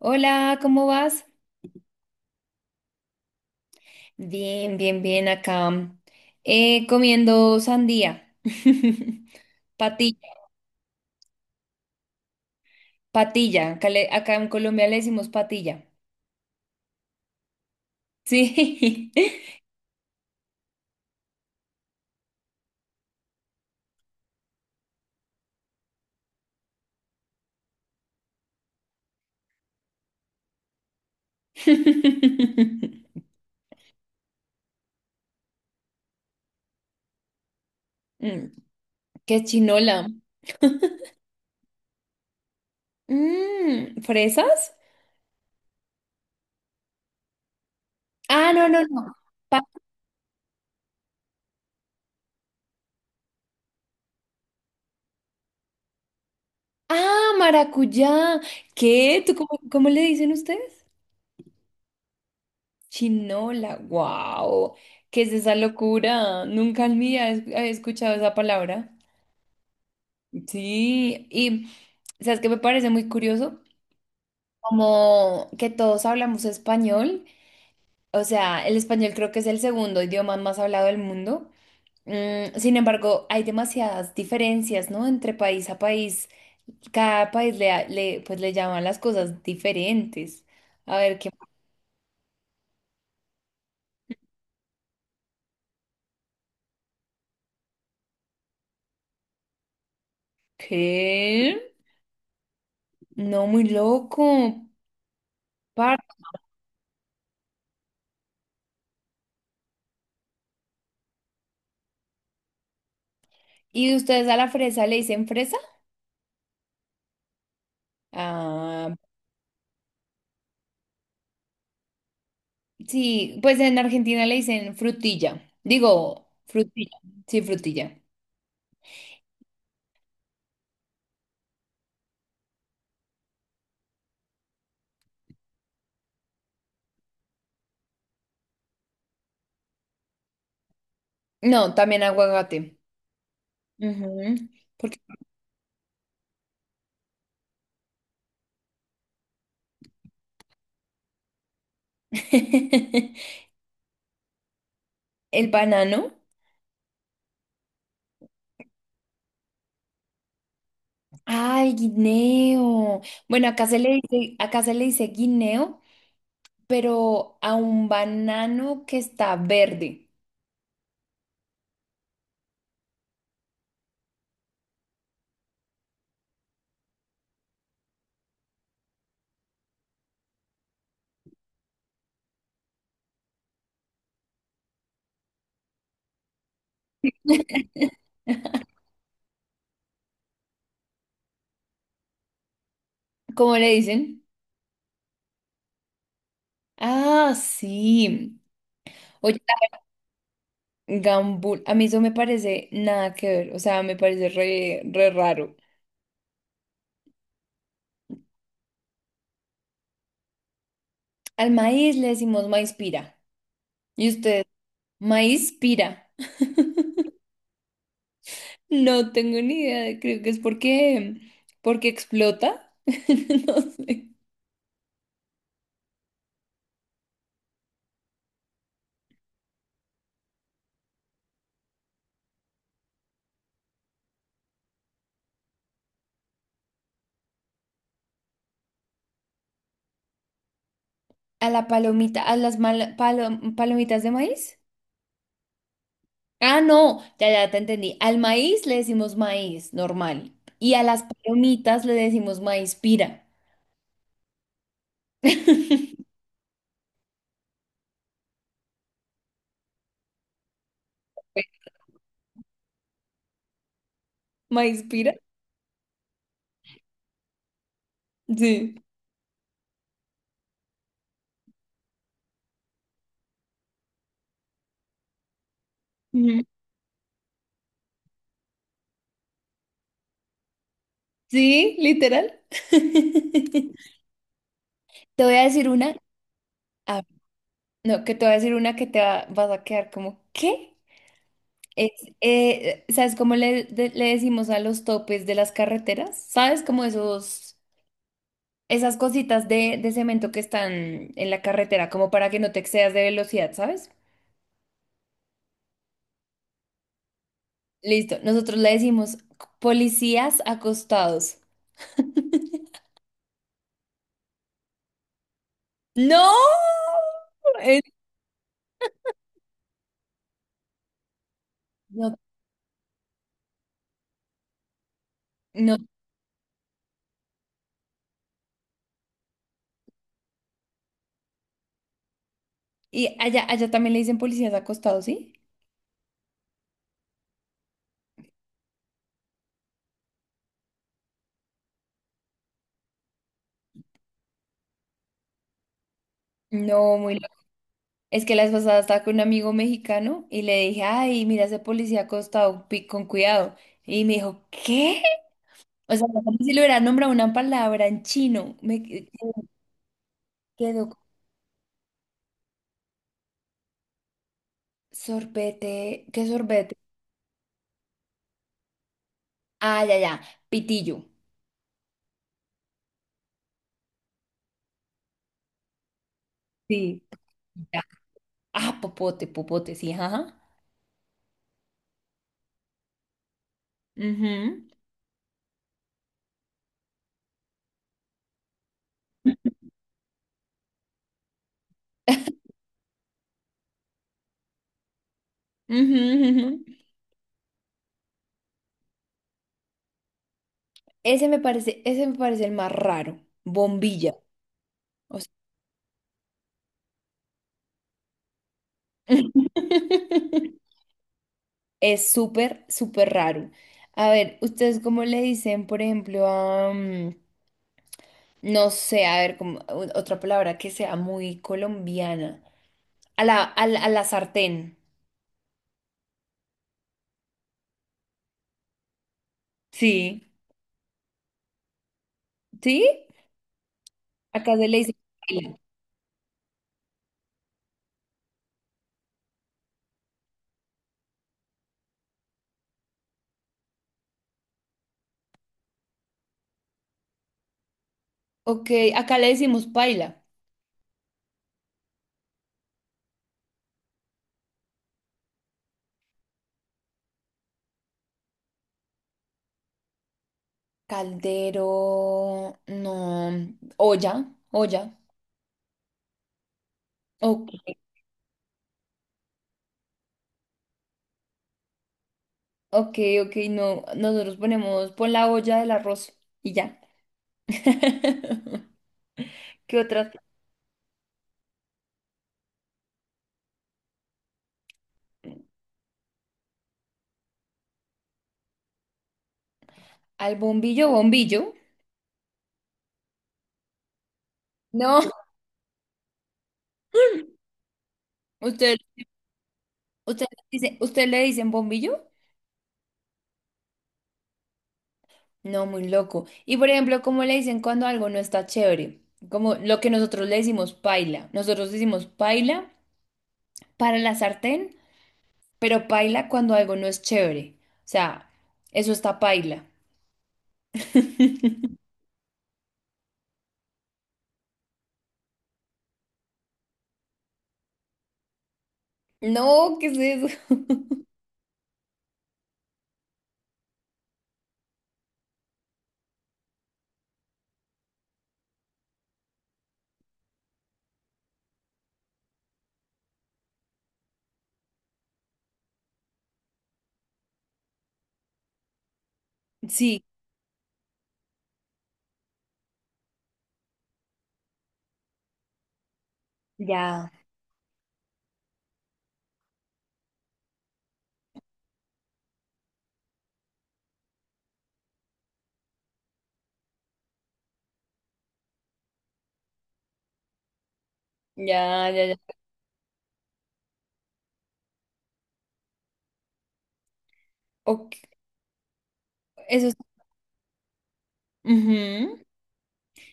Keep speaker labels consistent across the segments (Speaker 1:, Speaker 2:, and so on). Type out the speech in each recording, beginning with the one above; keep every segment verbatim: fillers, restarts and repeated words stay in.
Speaker 1: Hola, ¿cómo vas? Bien, bien, bien acá. Eh, comiendo sandía. Patilla, patilla. Acá, le- acá en Colombia le decimos patilla. Sí. Mm, ¿qué chinola? Mm, ¿fresas? Ah, no, no, no. Pa- ah, maracuyá. ¿Qué? ¿Tú cómo, cómo le dicen ustedes? Chinola. Wow. ¿Qué es esa locura? Nunca en mi vida he había escuchado esa palabra. Sí, y sabes que me parece muy curioso, como que todos hablamos español, o sea, el español creo que es el segundo idioma más hablado del mundo. Mm, sin embargo, hay demasiadas diferencias, ¿no? Entre país a país, cada país le, ha- le, pues le llaman las cosas diferentes. A ver, ¿qué? ¿Qué? No, muy loco. par- ¿Y ustedes a la fresa le dicen fresa? Ah, sí, pues en Argentina le dicen frutilla. Digo, frutilla. Sí, frutilla. No, también aguacate. Ujú. Porque el banano. Ay, guineo. Bueno, acá se le dice, acá se le dice guineo, pero a un banano que está verde. ¿Cómo le dicen? Ah, sí. Oye, la gambul. A mí eso me parece nada que ver. O sea, me parece re, re raro. Al maíz le decimos maíz pira. Y usted, maíz pira. No tengo ni idea, creo que es porque, porque explota. No sé. A la palomita, a las mal- palo- palomitas de maíz. Ah, no, ya, ya te entendí. Al maíz le decimos maíz, normal. Y a las palomitas le decimos maíz pira. ¿Maíz pira? Sí. Ujú. Sí, literal. Te voy a decir una. ah, no, que te voy a decir una que te va- vas a quedar como, ¿qué? Es, eh, ¿Sabes cómo le, de- le decimos a los topes de las carreteras? ¿Sabes cómo esos, esas cositas de, de cemento que están en la carretera, como para que no te excedas de velocidad, sabes? Listo, nosotros le decimos policías acostados. ¡No! Eh, no, no. Y allá, allá también le dicen policías acostados, ¿sí? No, muy loco. Es que la vez pasada estaba con un amigo mexicano y le dije, ay, mira ese policía acostado, pi- con cuidado. Y me dijo, ¿qué? O sea, como si le hubiera nombrado una palabra en chino, me que- quedo con sorbete, ¿qué sorbete? Ah, ya, ya, pitillo. Sí. Ya. Ah, popote, popote, sí, ajá. Ujú. Ujú, ujú. Ese me parece, ese me parece el más raro. Bombilla. O sea, es súper, súper raro. A ver, ¿ustedes cómo le dicen, por ejemplo, a... mm, no sé, a ver, como, o- otra palabra que sea muy colombiana. A la, a la, a la sartén. Sí, ¿sí? Acá se le dice paila. Ok, acá le decimos paila. Caldero, no, olla, olla. Ok, ok, ok, no, nosotros ponemos, pon la olla del arroz y ya. ¿Qué otras? Al bombillo, bombillo. No, usted, usted dice, ¿usted le dicen bombillo? No, muy loco. Y por ejemplo, ¿cómo le dicen cuando algo no está chévere? Como lo que nosotros le decimos paila. Nosotros decimos paila para la sartén, pero paila cuando algo no es chévere. O sea, eso está paila. No, ¿qué es eso? Sí, ya, ya, ya, ya. Ok, eso es. Ujú.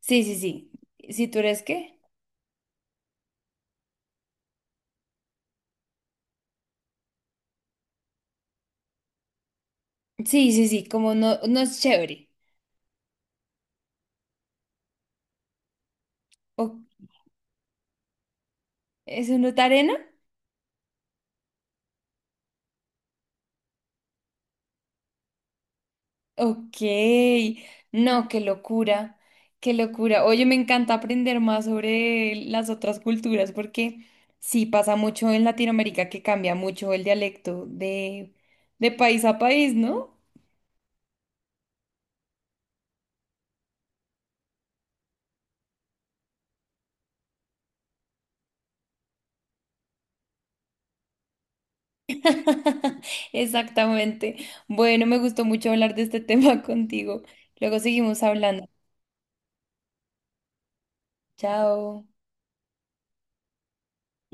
Speaker 1: Sí, sí, sí. ¿Si tú eres qué? Sí, sí, sí, como no, no es chévere. O- ¿Eso no es arena? Ok, no, qué locura, qué locura. Oye, me encanta aprender más sobre las otras culturas porque sí pasa mucho en Latinoamérica que cambia mucho el dialecto de, de país a país, ¿no? Exactamente. Bueno, me gustó mucho hablar de este tema contigo. Luego seguimos hablando. Chao.